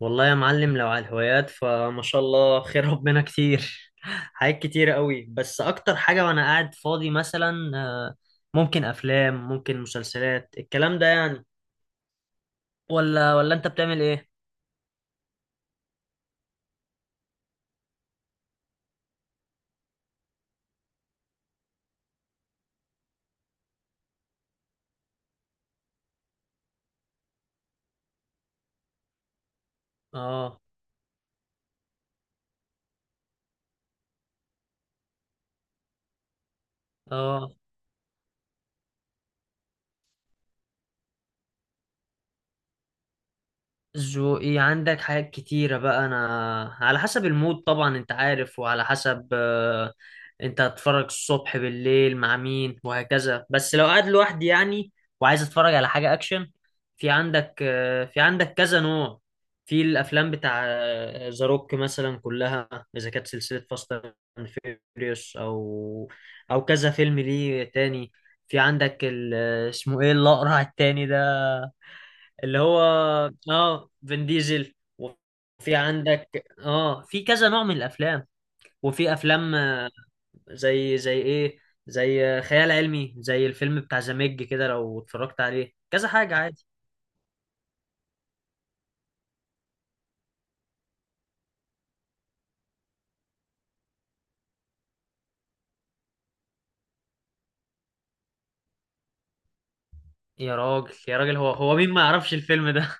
والله يا معلم، لو على الهوايات فما شاء الله، خير ربنا كتير. حاجات كتير قوي. بس اكتر حاجة وانا قاعد فاضي مثلا، ممكن افلام، ممكن مسلسلات، الكلام ده يعني. ولا انت بتعمل ايه؟ اه. اه، ذوقي عندك حاجات كتيرة بقى. أنا على حسب المود طبعا، أنت عارف، وعلى حسب أنت هتتفرج الصبح بالليل مع مين وهكذا. بس لو قاعد لوحدي يعني وعايز أتفرج على حاجة أكشن، في عندك في عندك كذا نوع في الأفلام، بتاع ذا روك مثلا كلها، إذا كانت سلسلة فاست أند فيوريوس، أو كذا فيلم ليه تاني. في عندك اسمه إيه الأقرع التاني ده؟ اللي هو اه فين ديزل. وفي عندك اه في كذا نوع من الافلام، وفي افلام زي زي ايه، زي خيال علمي، زي الفيلم بتاع ذا ميج كده. لو اتفرجت عليه كذا حاجة عادي. يا راجل يا راجل، هو مين ما يعرفش الفيلم ده؟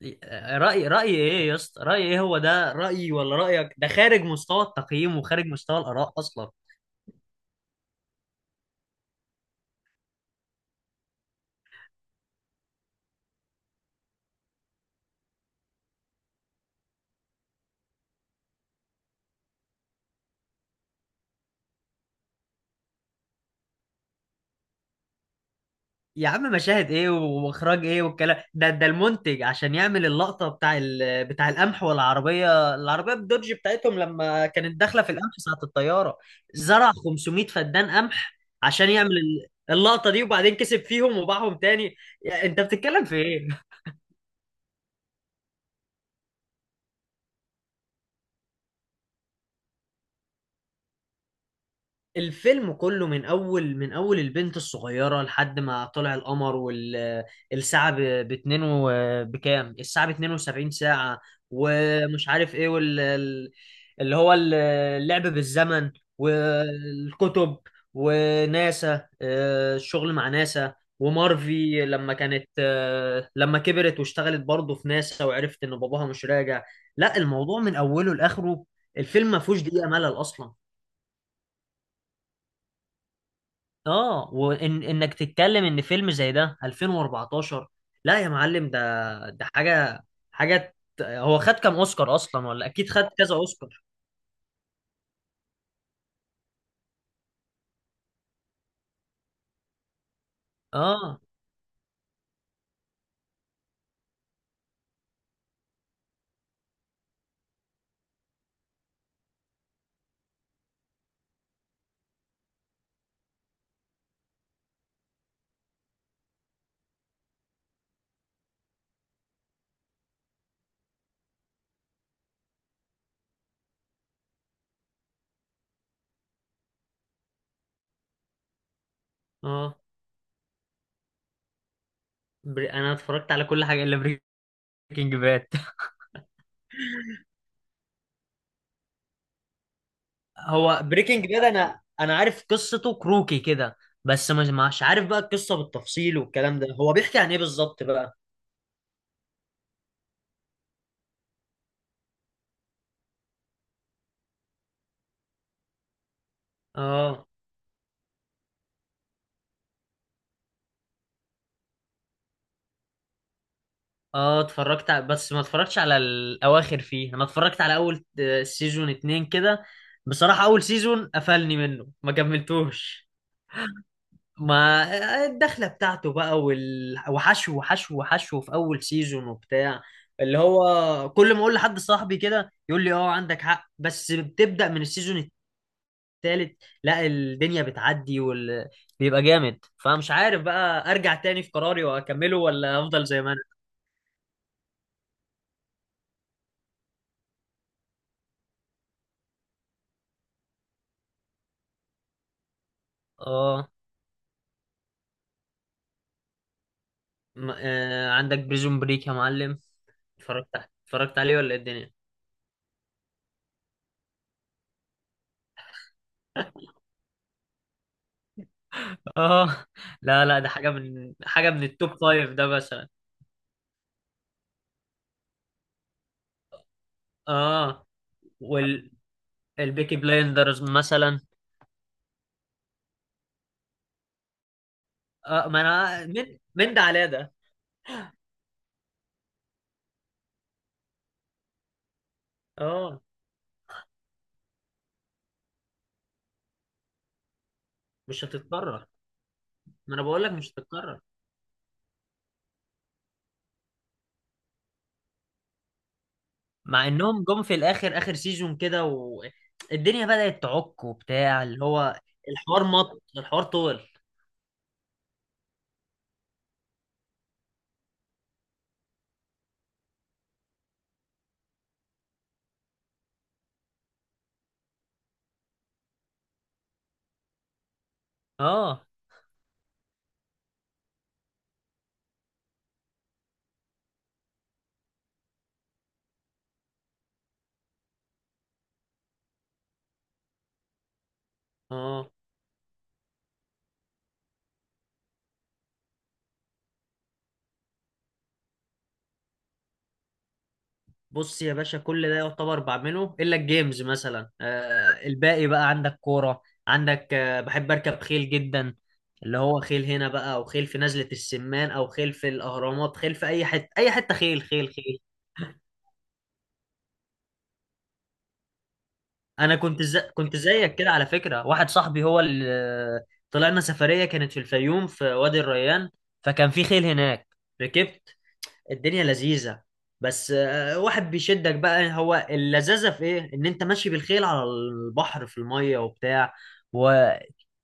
رأي ايه يا اسطى؟ رأي ايه؟ هو ده رأيي ولا رأيك؟ ده خارج مستوى التقييم وخارج مستوى الآراء اصلا. يا عم، مشاهد ايه واخراج ايه والكلام ده المنتج عشان يعمل اللقطه بتاع القمح، والعربيه الدوج بتاعتهم لما كانت داخله في القمح ساعه الطياره، زرع 500 فدان قمح عشان يعمل اللقطه دي، وبعدين كسب فيهم وباعهم تاني. يا انت بتتكلم في ايه؟ الفيلم كله من اول، من اول البنت الصغيره لحد ما طلع القمر، والساعه ب اتنين بكام الساعه ب 72 ساعه ومش عارف ايه، وال ال- اللي هو ال- اللعب بالزمن، والكتب، وناسا. الشغل مع ناسا. ومارفي لما كانت لما كبرت واشتغلت برضه في ناسا وعرفت ان باباها مش راجع. لا، الموضوع من اوله لاخره، الفيلم ما فيهوش دقيقه ملل اصلا. اه، وان انك تتكلم ان فيلم زي ده 2014؟ لا يا معلم، ده حاجه، هو خد كام اوسكار اصلا؟ ولا اكيد خد كذا اوسكار. اه. اه. انا اتفرجت على كل حاجه الا بريكنج باد. هو بريكنج باد، انا عارف قصته كروكي كده. بس مش عارف بقى القصه بالتفصيل والكلام ده. هو بيحكي عن ايه بالظبط بقى؟ اه. اه. بس ما اتفرجتش على الاواخر فيه، انا اتفرجت على اول سيزون اتنين كده. بصراحة اول سيزون قفلني منه ما كملتوش. ما الدخلة بتاعته بقى وحشو وحشو وحشو في اول سيزون وبتاع، اللي هو كل ما اقول لحد صاحبي كده يقول لي اه عندك حق بس بتبدأ من السيزون التالت، لا الدنيا بتعدي بيبقى جامد، فمش عارف بقى ارجع تاني في قراري واكمله ولا افضل زي ما انا. اه. عندك بريزون بريك يا معلم؟ اتفرجت اتفرجت عليه ولا إيه الدنيا؟ اه. لا لا، ده حاجه، من حاجه من التوب فايف ده مثلا. اه، والبيكي بلايندرز مثلا. اه، ما انا من ده على ده. اه، مش هتتكرر. ما انا بقول لك مش هتتكرر. مع انهم جم في الاخر، اخر سيزون كده والدنيا بدأت تعك وبتاع، اللي هو الحوار طول. اه. اه. بص يا باشا، كل ده يعتبر بعمله الا الجيمز مثلا. آه، الباقي بقى عندك كوره، عندك آه، بحب اركب خيل جدا، اللي هو خيل هنا بقى او خيل في نزله السمان او خيل في الاهرامات، خيل في اي حته، اي حته، خيل خيل خيل. انا كنت زيك كده على فكره. واحد صاحبي هو اللي طلعنا سفريه، كانت في الفيوم في وادي الريان، فكان في خيل هناك. ركبت، الدنيا لذيذة. بس واحد بيشدك بقى. هو اللذاذة في ايه؟ ان انت ماشي بالخيل على البحر في المية وبتاع،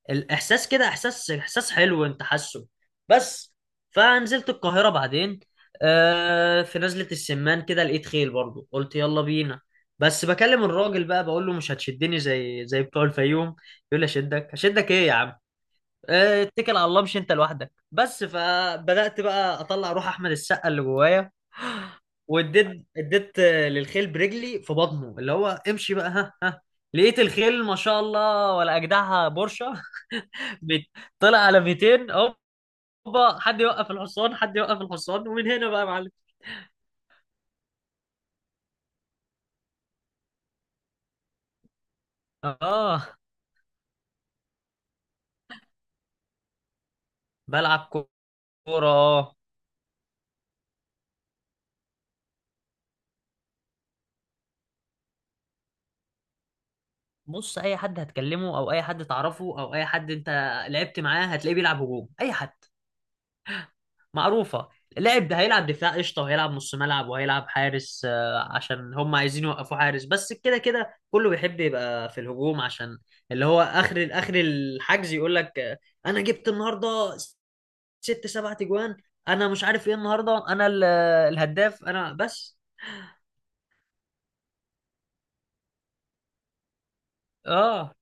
والاحساس كده احساس، احساس حلو انت حاسه بس. فنزلت القاهرة بعدين، في نزلة السمان كده لقيت خيل برضو، قلت يلا بينا. بس بكلم الراجل بقى، بقول له مش هتشدني زي بتوع الفيوم. يقول لي: اشدك اشدك ايه يا عم، اتكل على الله مش انت لوحدك بس. فبدأت بقى اطلع روح احمد السقا اللي جوايا. واديت للخيل برجلي في بطنه، اللي هو امشي بقى ها ها. لقيت الخيل ما شاء الله ولا اجدعها بورشه. بت- طلع على 200. هوبا، حد يوقف الحصان، حد يوقف الحصان، ومن هنا بقى يا معلم. اه. بلعب كوره اه. بص اي حد هتكلمه او اي حد تعرفه او اي حد انت لعبت معاه هتلاقيه بيلعب هجوم. اي حد معروفة. لعب هيلعب دفاع قشطة، وهيلعب نص ملعب، وهيلعب حارس، عشان هم عايزين يوقفوا حارس بس كده. كده كله بيحب يبقى في الهجوم، عشان اللي هو آخر آخر الحجز يقول لك: أنا جبت النهاردة ست سبع تجوان، أنا مش عارف إيه، النهاردة أنا الهداف أنا بس. آه،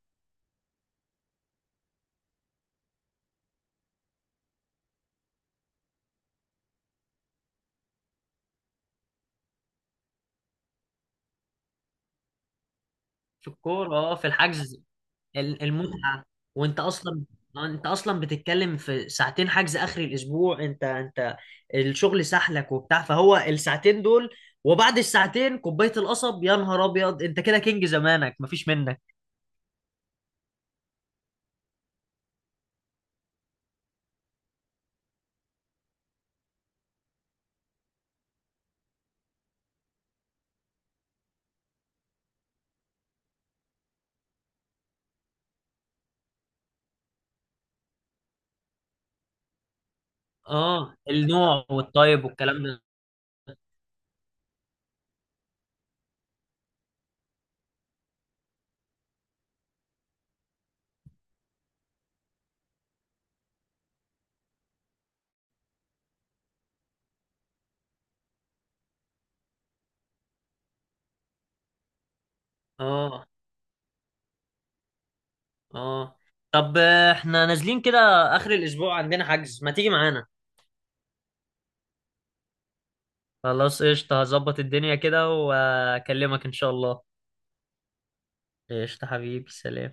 في الكورة. آه، في الحجز المتعة. وانت اصلا بتتكلم في ساعتين حجز اخر الاسبوع. انت الشغل سحلك وبتاع، فهو الساعتين دول، وبعد الساعتين كوباية القصب، يا نهار ابيض، انت كده كينج زمانك مفيش منك. اه، النوع والطيب والكلام ده. اه. اه. طب احنا نازلين كده اخر الاسبوع عندنا حجز، ما تيجي معانا؟ خلاص قشطة، هظبط الدنيا كده واكلمك ان شاء الله. قشطة حبيبي، سلام.